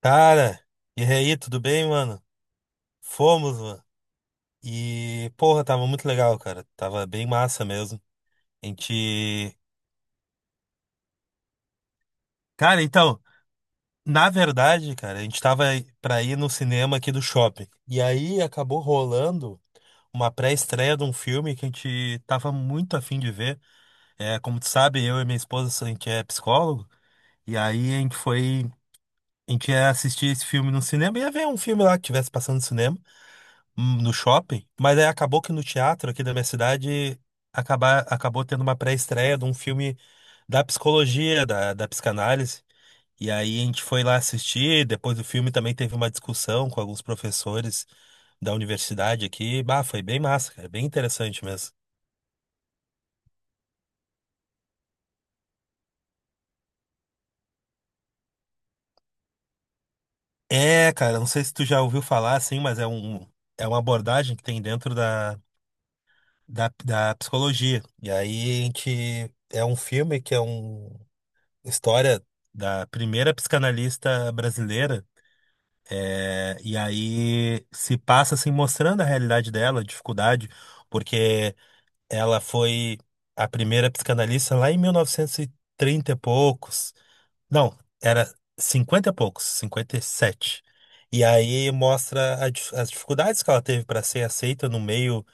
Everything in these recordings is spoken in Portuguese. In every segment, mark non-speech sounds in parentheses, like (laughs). Cara, e aí, tudo bem, mano? Fomos, mano. E, porra, tava muito legal, cara. Tava bem massa mesmo. A gente. Cara, então, na verdade, cara, a gente tava pra ir no cinema aqui do shopping. E aí acabou rolando uma pré-estreia de um filme que a gente tava muito afim de ver. É, como tu sabe, eu e minha esposa, a gente é psicólogo. E aí a gente foi. A gente ia assistir esse filme no cinema, ia ver um filme lá que tivesse passando no cinema no shopping, mas aí acabou que no teatro aqui da minha cidade acabou tendo uma pré-estreia de um filme da psicologia, da psicanálise. E aí a gente foi lá assistir, depois do filme também teve uma discussão com alguns professores da universidade aqui. Bah, foi bem massa, cara, bem interessante mesmo. É, cara, não sei se tu já ouviu falar assim, mas é uma abordagem que tem dentro da psicologia. E aí a gente é um filme que é um história da primeira psicanalista brasileira, né? E aí se passa assim mostrando a realidade dela, a dificuldade, porque ela foi a primeira psicanalista lá em 1930 e trinta e poucos. Não, era 50 e poucos, 57. E sete. E aí mostra as dificuldades que ela teve para ser aceita no meio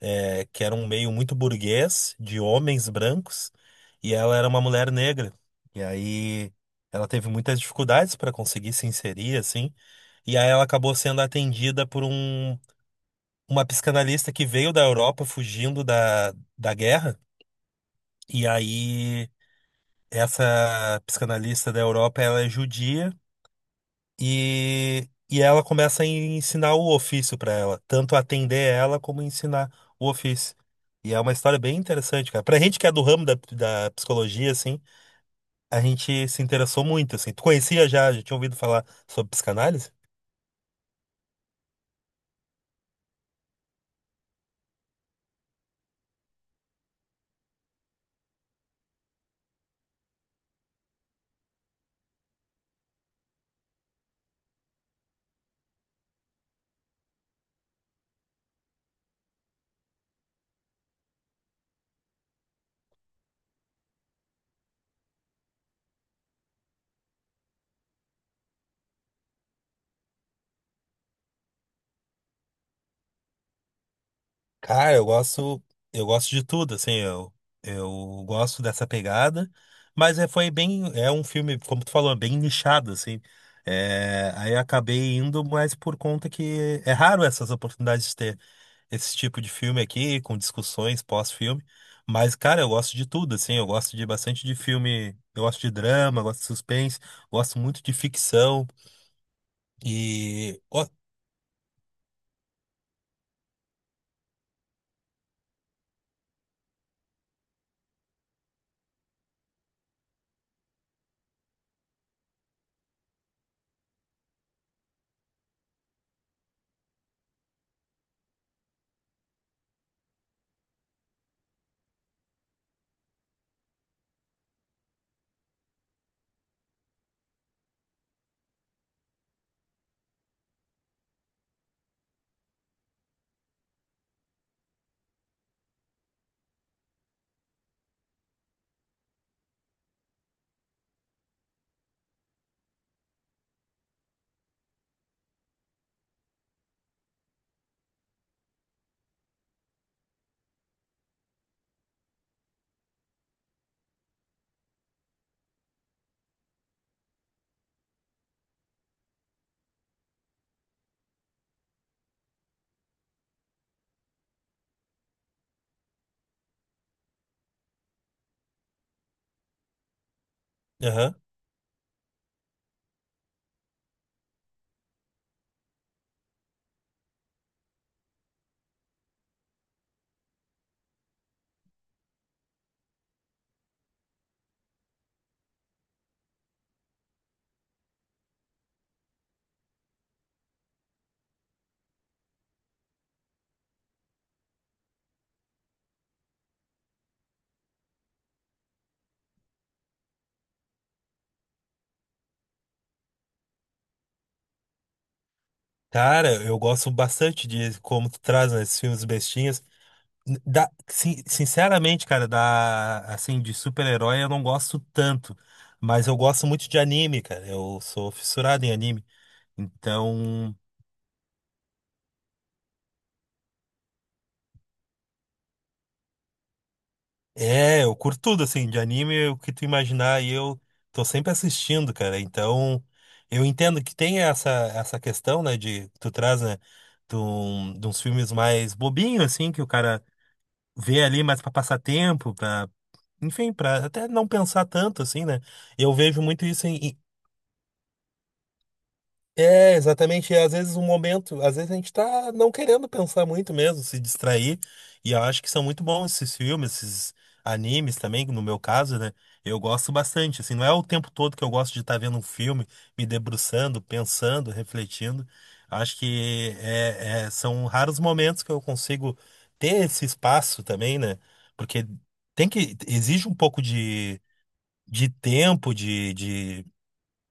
é, que era um meio muito burguês, de homens brancos, e ela era uma mulher negra. E aí ela teve muitas dificuldades para conseguir se inserir, assim, e aí ela acabou sendo atendida uma psicanalista que veio da Europa fugindo da guerra, e aí essa psicanalista da Europa, ela é judia. E ela começa a ensinar o ofício pra ela, tanto atender ela como ensinar o ofício. E é uma história bem interessante, cara. Pra gente que é do ramo da psicologia, assim, a gente se interessou muito, assim. Tu conhecia já, já tinha ouvido falar sobre psicanálise? Cara, eu gosto de tudo, assim, eu gosto dessa pegada, mas é, foi bem, é um filme, como tu falou, é bem nichado, assim. É, aí eu acabei indo, mas por conta que é raro essas oportunidades de ter esse tipo de filme aqui, com discussões pós-filme. Mas, cara, eu gosto de tudo, assim. Eu gosto de bastante de filme. Eu gosto de drama, gosto de suspense, gosto muito de ficção. E, ó, aham. Cara, eu gosto bastante de como tu traz, né, esses filmes bestinhas. Sinceramente, cara, da, assim, de super-herói eu não gosto tanto. Mas eu gosto muito de anime, cara. Eu sou fissurado em anime. Então. É, eu curto tudo, assim, de anime, o que tu imaginar, e eu tô sempre assistindo, cara. Então, eu entendo que tem essa questão, né, de que tu traz, né, de uns filmes mais bobinhos, assim, que o cara vê ali mais pra passar tempo, pra, enfim, pra até não pensar tanto, assim, né. Eu vejo muito isso. É, exatamente. E às vezes o momento, às vezes a gente tá não querendo pensar muito mesmo, se distrair. E eu acho que são muito bons esses filmes, esses animes também, no meu caso, né? Eu gosto bastante, assim, não é o tempo todo que eu gosto de estar vendo um filme, me debruçando, pensando, refletindo. Acho que são raros momentos que eu consigo ter esse espaço também, né? Porque tem que, exige um pouco de tempo,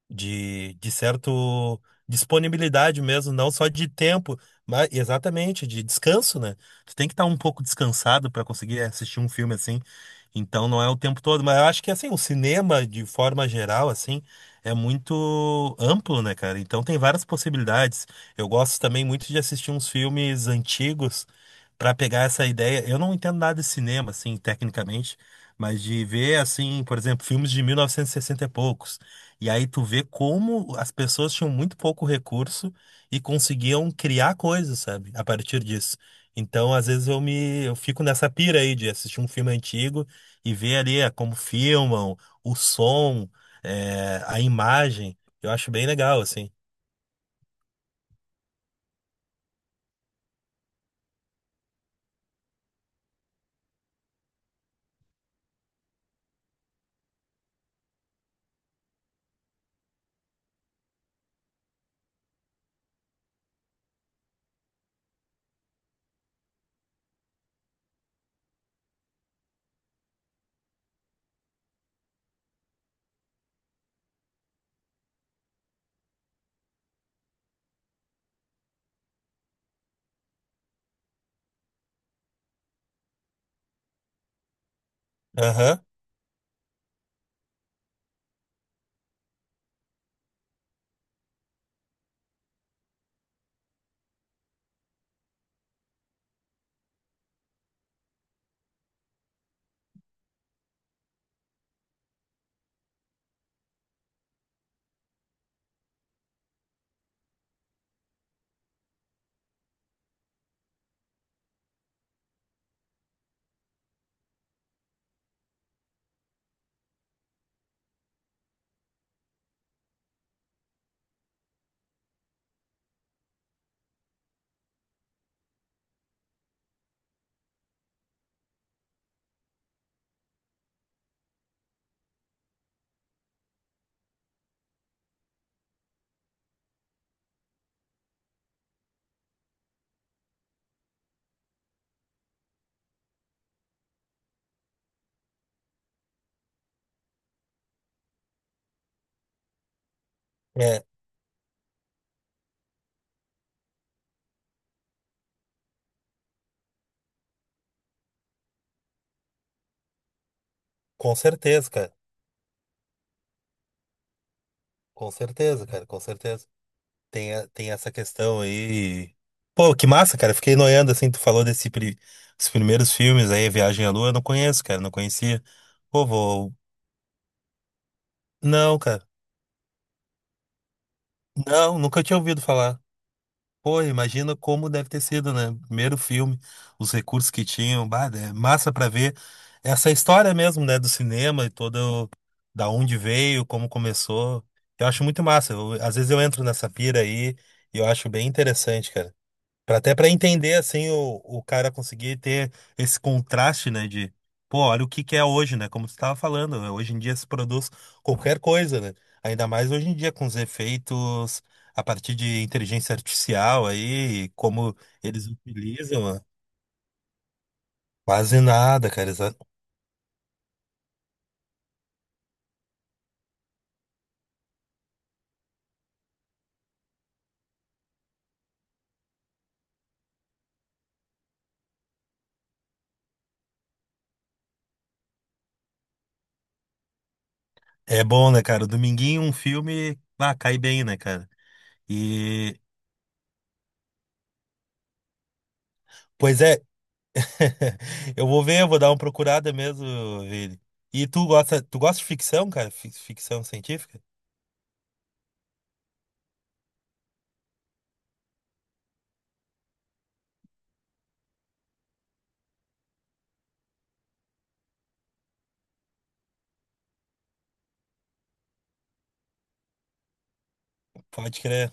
de certo disponibilidade mesmo, não só de tempo, mas exatamente de descanso, né? Tu tem que estar um pouco descansado para conseguir assistir um filme assim. Então não é o tempo todo, mas eu acho que assim, o cinema de forma geral assim é muito amplo, né, cara? Então tem várias possibilidades. Eu gosto também muito de assistir uns filmes antigos para pegar essa ideia. Eu não entendo nada de cinema assim, tecnicamente, mas de ver assim, por exemplo, filmes de 1960 e poucos. E aí tu vê como as pessoas tinham muito pouco recurso e conseguiam criar coisas, sabe? A partir disso. Então, às vezes eu fico nessa pira aí de assistir um filme antigo e ver ali como filmam, o som, a imagem. Eu acho bem legal, assim. Aham. É, com certeza, cara. Com certeza, cara, com certeza. Tem, tem essa questão aí. Pô, que massa, cara. Fiquei noiando assim, tu falou dos primeiros filmes aí, Viagem à Lua, eu não conheço, cara, não conhecia. Pô, vou. Não, cara. Não, nunca tinha ouvido falar. Pô, imagina como deve ter sido, né? Primeiro filme, os recursos que tinham, bah, é massa pra ver essa história mesmo, né, do cinema e todo da onde veio, como começou. Eu acho muito massa. Às vezes eu entro nessa pira aí e eu acho bem interessante, cara. Até para entender assim o cara conseguir ter esse contraste, né, de pô, olha o que que é hoje, né? Como você estava falando, né, hoje em dia se produz qualquer coisa, né? Ainda mais hoje em dia com os efeitos a partir de inteligência artificial aí, e como eles utilizam, né? Quase nada, cara. Exa-. É bom, né, cara? Dominguinho, um filme, ah, cai bem, né, cara? E pois é, (laughs) eu vou ver, eu vou dar uma procurada mesmo, Vini. E tu gosta de ficção, cara? Ficção científica? Pode crer.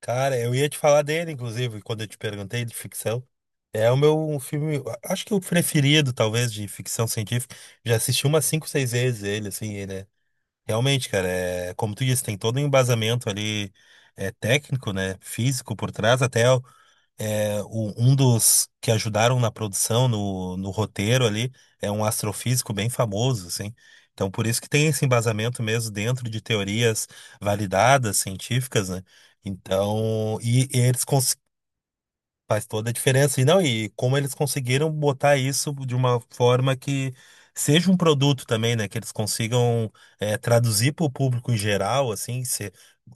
Cara, eu ia te falar dele, inclusive, quando eu te perguntei de ficção. É o meu um filme, acho que o preferido, talvez, de ficção científica. Já assisti umas cinco, seis vezes ele, assim, ele é... Realmente, cara, é... como tu disse, tem todo um embasamento ali é, técnico, né? Físico por trás, até é, um dos que ajudaram na produção, no roteiro ali, é um astrofísico bem famoso, assim. Então, por isso que tem esse embasamento mesmo dentro de teorias validadas, científicas, né? Então, e eles cons-. Faz toda a diferença. E não, e como eles conseguiram botar isso de uma forma que seja um produto também, né? Que eles consigam traduzir para o público em geral, assim, se,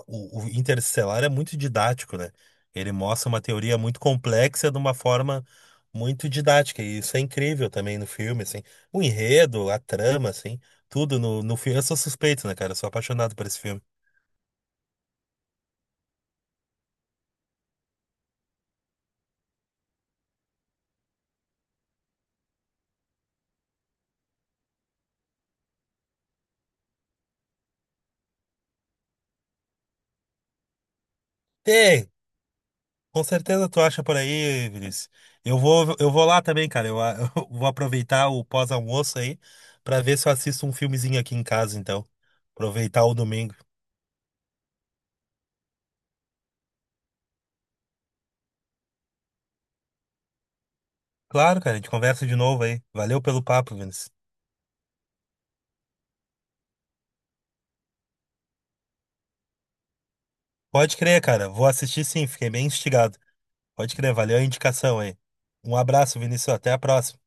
o Interestelar é muito didático, né? Ele mostra uma teoria muito complexa de uma forma muito didática. E isso é incrível também no filme, assim. O enredo, a trama, assim, tudo no filme. Eu sou suspeito, né, cara? Eu sou apaixonado por esse filme. Tem, com certeza tu acha por aí, Vinícius. Eu vou lá também, cara. Eu, (laughs) eu vou aproveitar o pós-almoço aí pra ver se eu assisto um filmezinho aqui em casa, então. Aproveitar o domingo. Claro, cara, a gente conversa de novo aí. Valeu pelo papo, Vinícius. Pode crer, cara. Vou assistir sim, fiquei bem instigado. Pode crer, valeu a indicação aí. Um abraço, Vinícius. Até a próxima.